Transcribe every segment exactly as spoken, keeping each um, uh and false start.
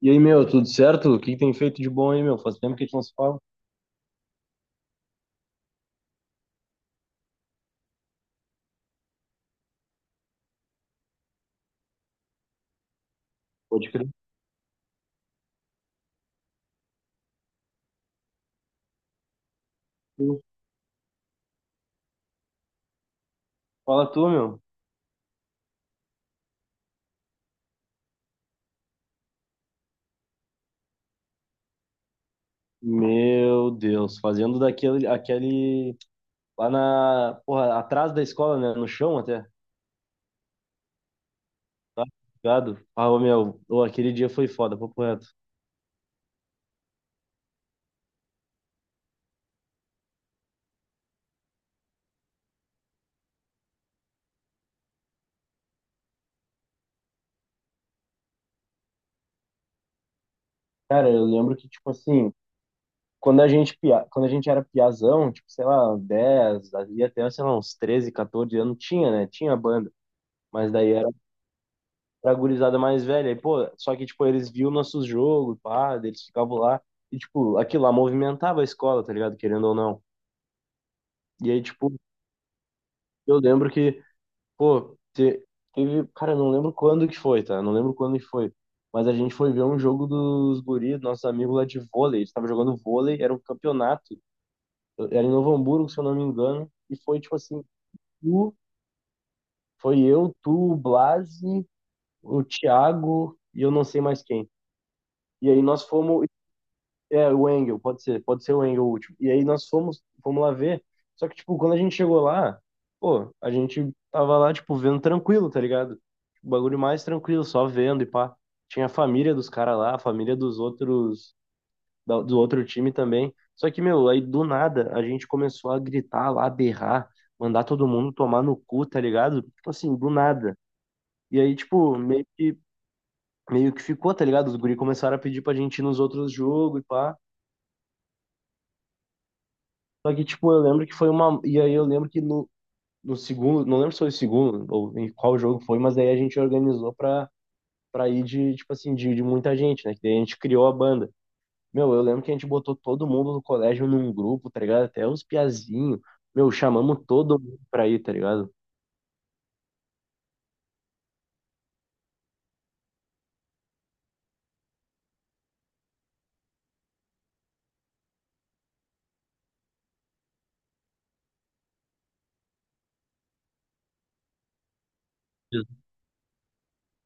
E aí, meu, tudo certo? O que que tem feito de bom aí, meu? Faz tempo que a gente não se fala. Pode crer. Fala tu, meu. Meu Deus, fazendo daquele, aquele, lá na, porra, atrás da escola, né? No chão até. Tá ligado? Ah, ô, meu, ô, aquele dia foi foda, papo reto. Cara, eu lembro que, tipo assim, quando a gente, pia- quando a gente era piazão, tipo, sei lá, dez, ali até, sei lá, uns treze, catorze anos, tinha, né? Tinha banda. Mas daí pra gurizada mais velha. E, pô, só que, tipo, eles viam nossos jogos, pá, eles ficavam lá. E, tipo, aquilo lá movimentava a escola, tá ligado? Querendo ou não. E aí, tipo, eu lembro que, pô, te- teve. Cara, eu não lembro quando que foi, tá? Eu não lembro quando que foi. Mas a gente foi ver um jogo dos guris, nossos amigos lá de vôlei. Eles estavam jogando vôlei, era um campeonato. Era em Novo Hamburgo, se eu não me engano. E foi, tipo assim, tu, foi eu, tu, o Blasi, o Thiago e eu não sei mais quem. E aí nós fomos. É, o Engel, pode ser, pode ser o Engel o último. E aí nós fomos, fomos, lá ver. Só que, tipo, quando a gente chegou lá, pô, a gente tava lá, tipo, vendo tranquilo, tá ligado? O bagulho mais tranquilo, só vendo e pá. Tinha a família dos caras lá, a família dos outros, da- do outro time também. Só que, meu, aí do nada a gente começou a gritar lá, berrar, mandar todo mundo tomar no cu, tá ligado? Tipo assim, do nada. E aí, tipo, meio que, meio que, ficou, tá ligado? Os guri começaram a pedir pra gente ir nos outros jogos e pá. Só que, tipo, eu lembro que foi uma. E aí eu lembro que no, no, segundo, não lembro se foi o segundo ou em qual jogo foi, mas aí a gente organizou pra, pra, ir de, tipo assim, de, de muita gente, né? Que daí a gente criou a banda. Meu, eu lembro que a gente botou todo mundo do colégio num grupo, tá ligado? Até os piazinhos. Meu, chamamos todo mundo pra ir, tá ligado?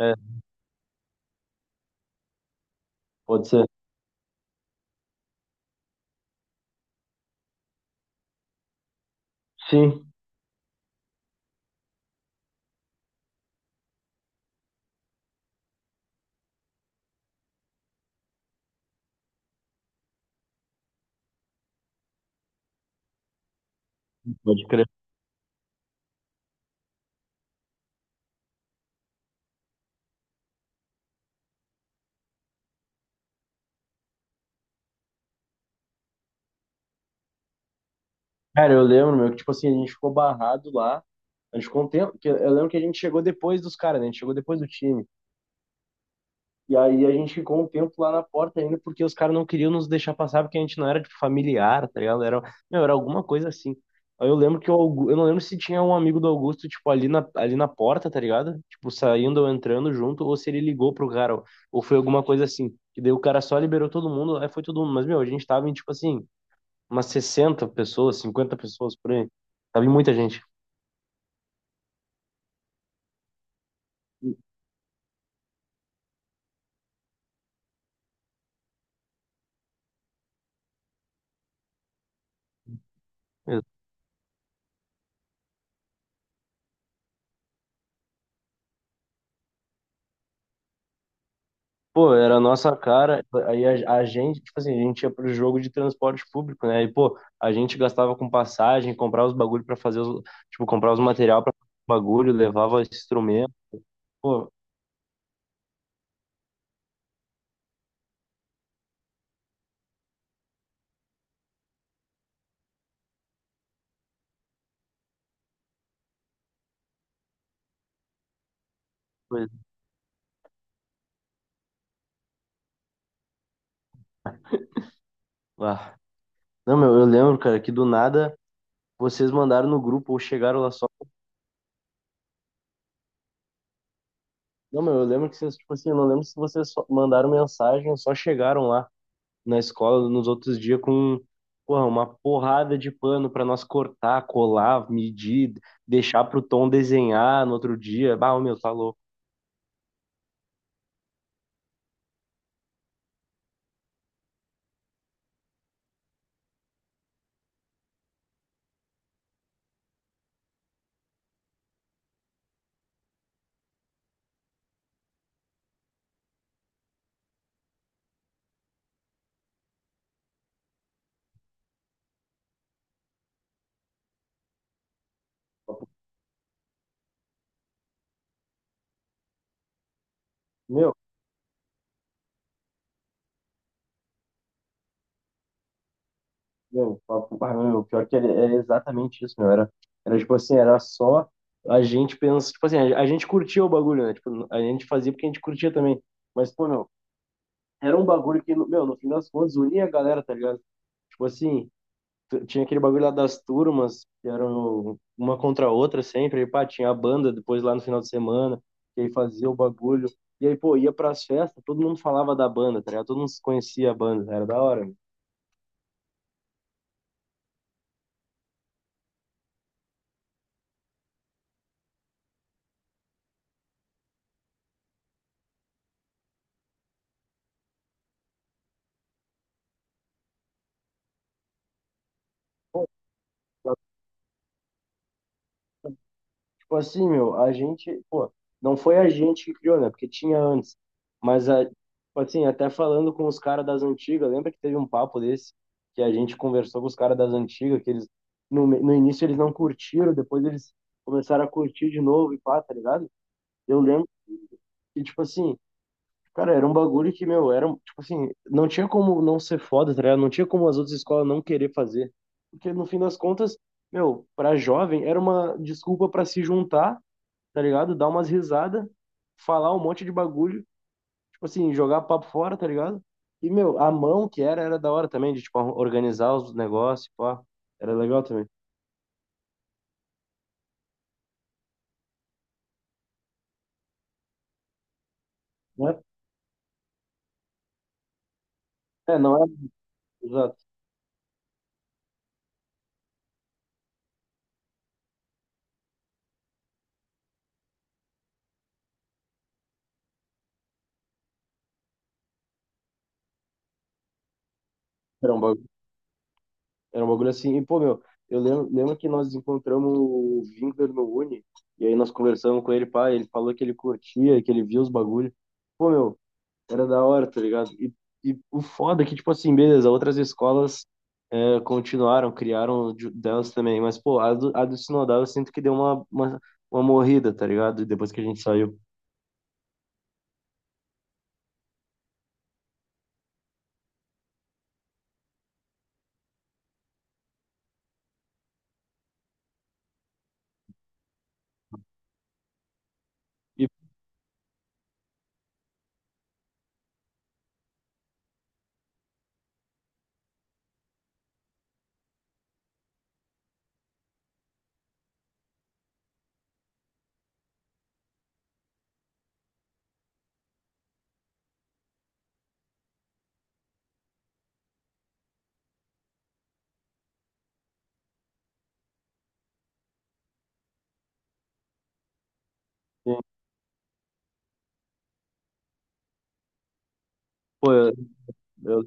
É, pode ser. Sim, pode crer. Cara, eu lembro, meu, que tipo assim, a gente ficou barrado lá. A gente ficou um tempo, que eu lembro que a gente chegou depois dos caras, né? A gente chegou depois do time. E aí a gente ficou um tempo lá na porta ainda, porque os caras não queriam nos deixar passar, porque a gente não era, tipo, familiar, tá ligado? Era, meu, era alguma coisa assim. Aí eu lembro que o Augu- eu não lembro se tinha um amigo do Augusto, tipo, ali na, ali na, porta, tá ligado? Tipo, saindo ou entrando junto, ou se ele ligou pro cara, ou, ou foi alguma coisa assim. E daí o cara só liberou todo mundo, aí foi todo mundo. Mas, meu, a gente tava em, tipo assim, umas sessenta pessoas, cinquenta pessoas por aí. Tava em muita gente. Pô, era a nossa cara, aí a, a gente, tipo assim, a gente ia pro jogo de transporte público, né? E, pô, a gente gastava com passagem, comprava os bagulho pra fazer os, tipo, comprar os material pra fazer os bagulho, levava instrumento, pô, coisa. Ah. Não, meu, eu lembro, cara, que do nada vocês mandaram no grupo ou chegaram lá só. Não, meu, eu lembro que vocês, tipo assim, eu não lembro se vocês só mandaram mensagem ou só chegaram lá, na escola nos outros dias com porra, uma porrada de pano para nós cortar, colar, medir, deixar pro Tom desenhar no outro dia. Bah, ô, meu, tá louco. Papo-. Meu, meu, papo- ah, meu, pior que era, era, exatamente isso, meu. Era, era tipo assim, era só a gente pensa, tipo assim, a, a gente curtia o bagulho, né? Tipo, a gente fazia porque a gente curtia também. Mas, pô, meu, era um bagulho que, meu, no fim das contas, unia a galera, tá ligado? Tipo assim, t- tinha aquele bagulho lá das turmas, que eram uma contra a outra sempre, aí, pá, tinha a banda depois lá no final de semana, que aí fazia o bagulho, e aí, pô, ia pras festas, todo mundo falava da banda, tá ligado? Todo mundo conhecia a banda, era da hora, meu. Tipo assim, meu, a gente, pô, não foi a gente que criou, né, porque tinha antes, mas, a, tipo assim, até falando com os caras das antigas, lembra que teve um papo desse, que a gente conversou com os caras das antigas, que eles, no, me- no início eles não curtiram, depois eles começaram a curtir de novo e pá, tá ligado? Eu lembro que, tipo assim, cara, era um bagulho que, meu, era, tipo assim, não tinha como não ser foda, tá ligado? Não tinha como as outras escolas não querer fazer. Porque, no fim das contas, meu, pra jovem, era uma desculpa pra se juntar, tá ligado? Dar umas risadas, falar um monte de bagulho, tipo assim, jogar papo fora, tá ligado? E, meu, a mão que era, era, da hora também, de, tipo, organizar os negócios, pá. Era legal também. Não é, é, não é, exato. Era um bagulho. Era um bagulho assim, e pô, meu, eu lembro, lembro que nós encontramos o Winkler no Uni, e aí nós conversamos com ele, pá, ele falou que ele curtia, que ele via os bagulhos. Pô, meu, era da hora, tá ligado? E, e o foda é que, tipo assim, beleza, outras escolas eh, continuaram, criaram de- delas também, mas, pô, a do, a do, Sinodal eu sinto que deu uma, uma, uma morrida, tá ligado? Depois que a gente saiu. E, pô, eu, eu.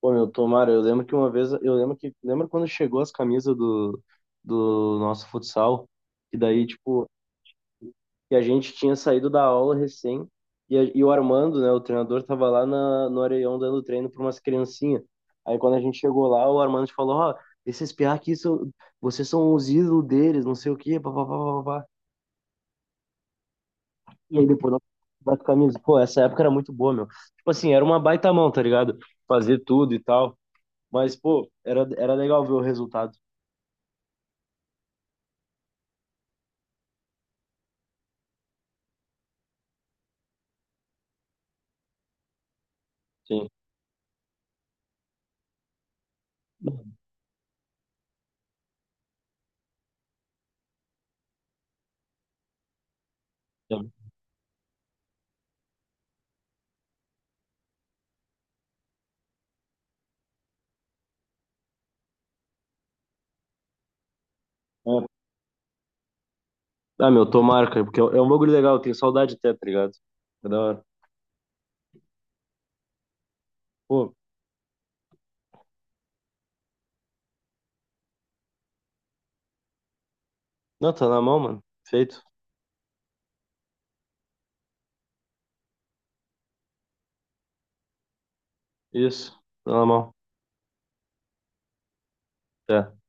Pô, meu, tomara, eu lembro que uma vez, eu lembro que, lembra quando chegou as camisas do, do nosso futsal, e daí, tipo, que a gente tinha saído da aula recém, e, a- e o Armando, né, o treinador, tava lá na, no Areião dando treino pra umas criancinhas. Aí quando a gente chegou lá, o Armando falou, ó, esses piá aqui, são, vocês são os ídolos deles, não sei o quê, pá, pá, pá, pá, pá. E aí depois nós das camisas, pô, essa época era muito boa, meu. Tipo assim, era uma baita mão, tá ligado? Fazer tudo e tal. Mas, pô, era, era, legal ver o resultado. Sim. É. É. Ah, meu, tomara, cara, porque é um é um bagulho legal, eu tenho saudade até, tá ligado? É da hora. Pô, não, tá na mão, mano. Feito. Isso, tá na mão. É.